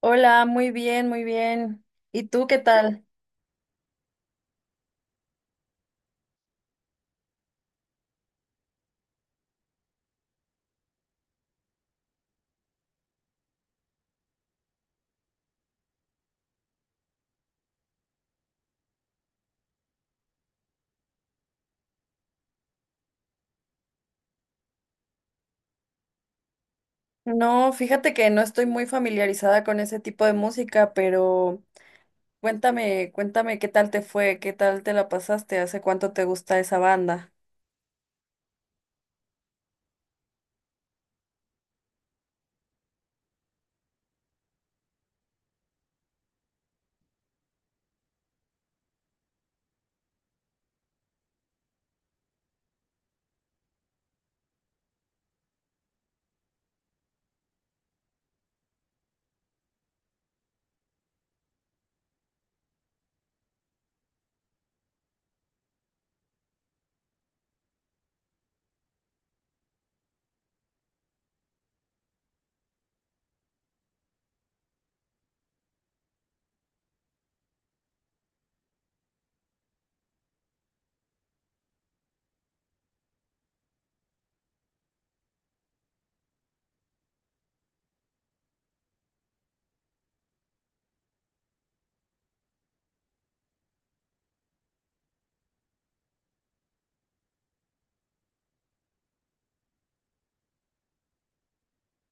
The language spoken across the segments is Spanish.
Hola, muy bien, muy bien. ¿Y tú qué tal? No, fíjate que no estoy muy familiarizada con ese tipo de música, pero cuéntame, cuéntame qué tal te fue, qué tal te la pasaste, hace cuánto te gusta esa banda.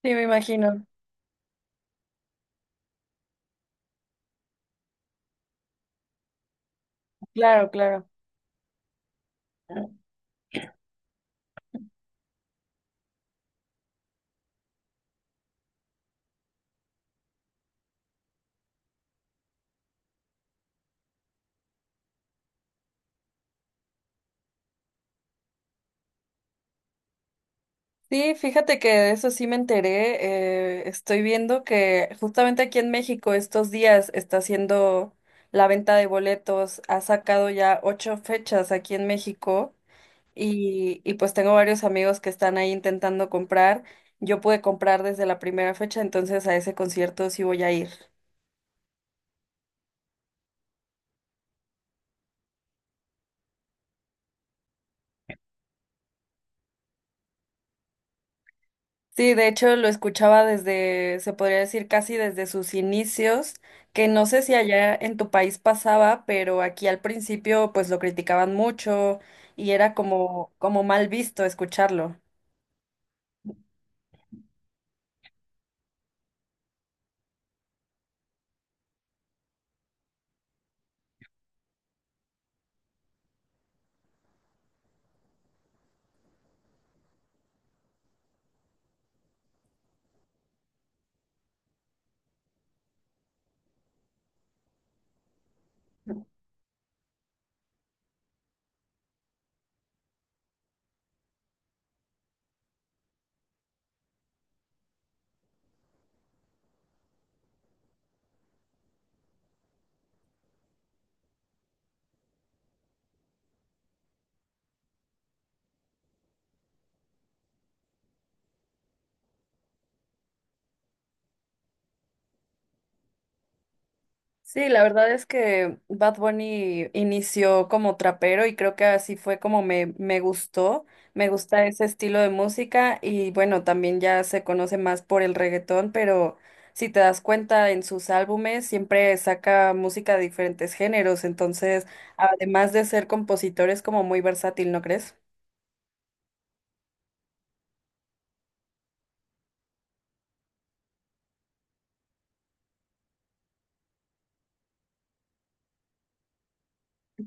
Sí, me imagino. Claro, claro. Sí, fíjate que de eso sí me enteré. Estoy viendo que justamente aquí en México estos días está haciendo la venta de boletos. Ha sacado ya ocho fechas aquí en México. Y pues tengo varios amigos que están ahí intentando comprar. Yo pude comprar desde la primera fecha, entonces a ese concierto sí voy a ir. Sí, de hecho lo escuchaba desde, se podría decir casi desde sus inicios, que no sé si allá en tu país pasaba, pero aquí al principio pues lo criticaban mucho y era como mal visto escucharlo. Sí, la verdad es que Bad Bunny inició como trapero y creo que así fue como me gustó. Me gusta ese estilo de música y bueno, también ya se conoce más por el reggaetón, pero si te das cuenta en sus álbumes siempre saca música de diferentes géneros, entonces además de ser compositor es como muy versátil, ¿no crees?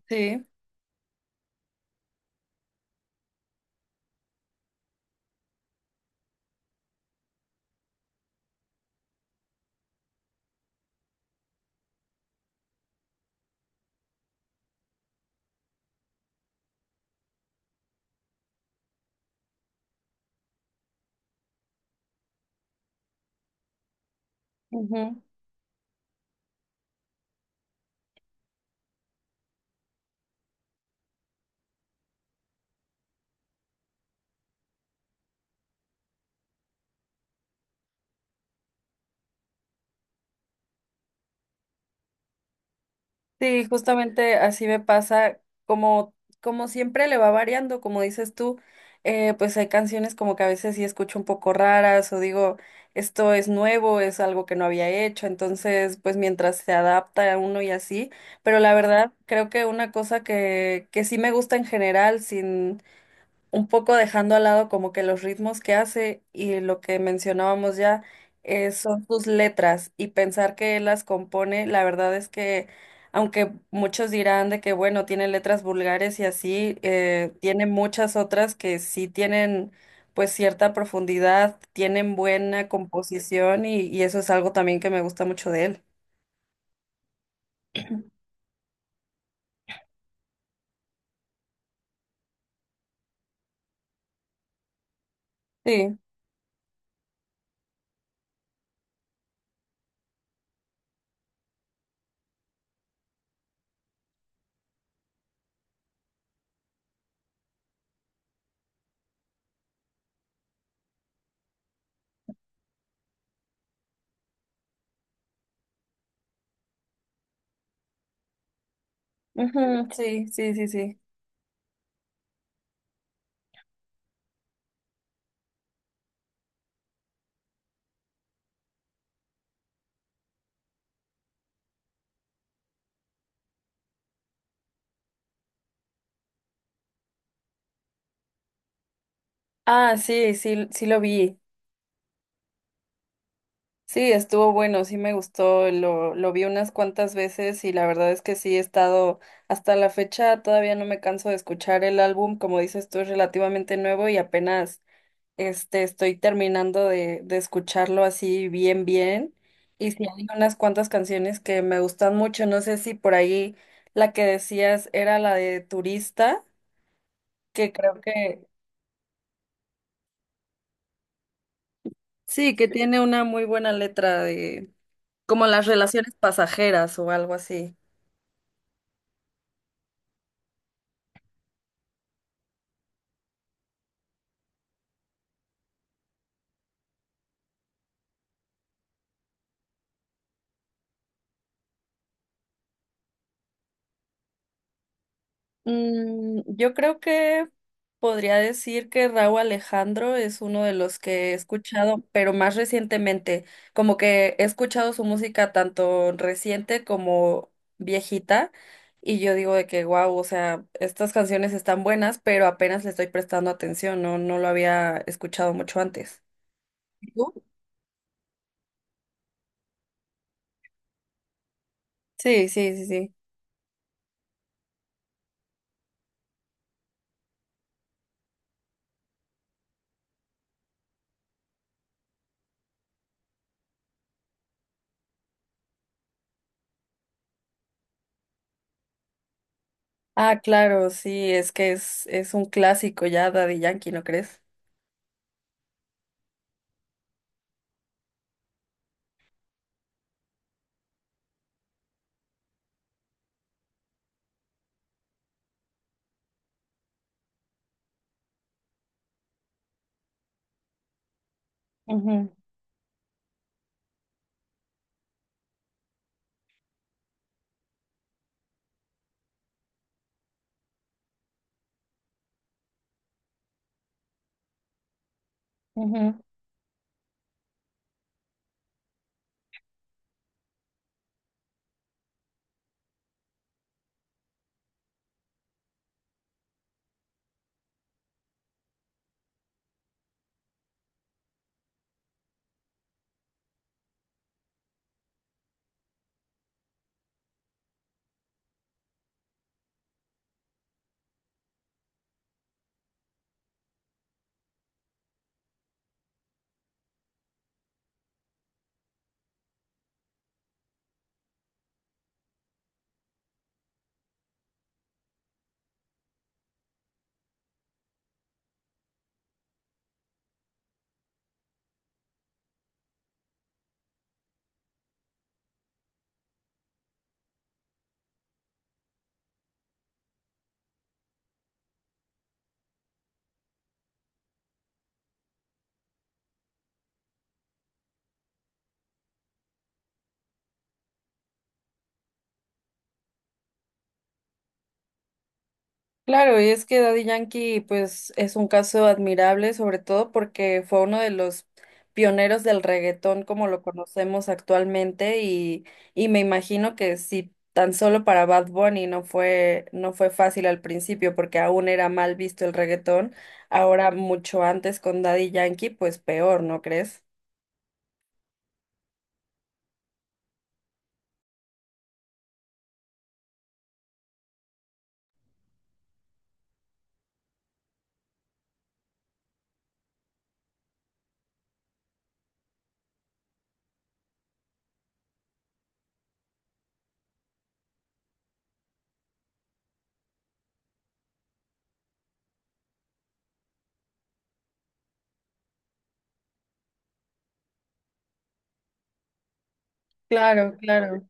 Sí. Ujú. Sí, justamente así me pasa, como, como siempre le va variando, como dices tú, pues hay canciones como que a veces sí escucho un poco raras o digo, esto es nuevo, es algo que no había hecho, entonces pues mientras se adapta a uno y así, pero la verdad creo que una cosa que sí me gusta en general, un poco dejando al lado como que los ritmos que hace y lo que mencionábamos ya son sus letras y pensar que él las compone, la verdad es que aunque muchos dirán de que bueno, tiene letras vulgares y así, tiene muchas otras que sí tienen pues cierta profundidad, tienen buena composición y eso es algo también que me gusta mucho de él. Sí, ujú, sí, sí, sí, sí. Ah, sí, sí, sí lo vi. Sí, estuvo bueno, sí me gustó, lo vi unas cuantas veces y la verdad es que sí he estado hasta la fecha, todavía no me canso de escuchar el álbum, como dices tú, es relativamente nuevo y apenas estoy terminando de escucharlo así bien bien. Y sí hay unas cuantas canciones que me gustan mucho, no sé si por ahí la que decías era la de Turista, que creo que sí, que tiene una muy buena letra de como las relaciones pasajeras o algo así. Yo creo que podría decir que Raúl Alejandro es uno de los que he escuchado, pero más recientemente, como que he escuchado su música tanto reciente como viejita, y yo digo de que, wow, o sea, estas canciones están buenas, pero apenas le estoy prestando atención, no, no lo había escuchado mucho antes. ¿Y tú? Sí, sí, sí, sí. Ah, claro, sí, es que es un clásico ya, Daddy Yankee, ¿no crees? Ujú, ujú. Claro, y es que Daddy Yankee, pues, es un caso admirable, sobre todo porque fue uno de los pioneros del reggaetón como lo conocemos actualmente, y me imagino que si tan solo para Bad Bunny no fue fácil al principio, porque aún era mal visto el reggaetón, ahora mucho antes con Daddy Yankee, pues peor, ¿no crees? Claro, claro.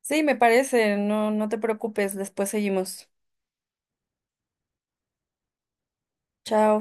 Sí, me parece, no, no te preocupes, después seguimos. Chao.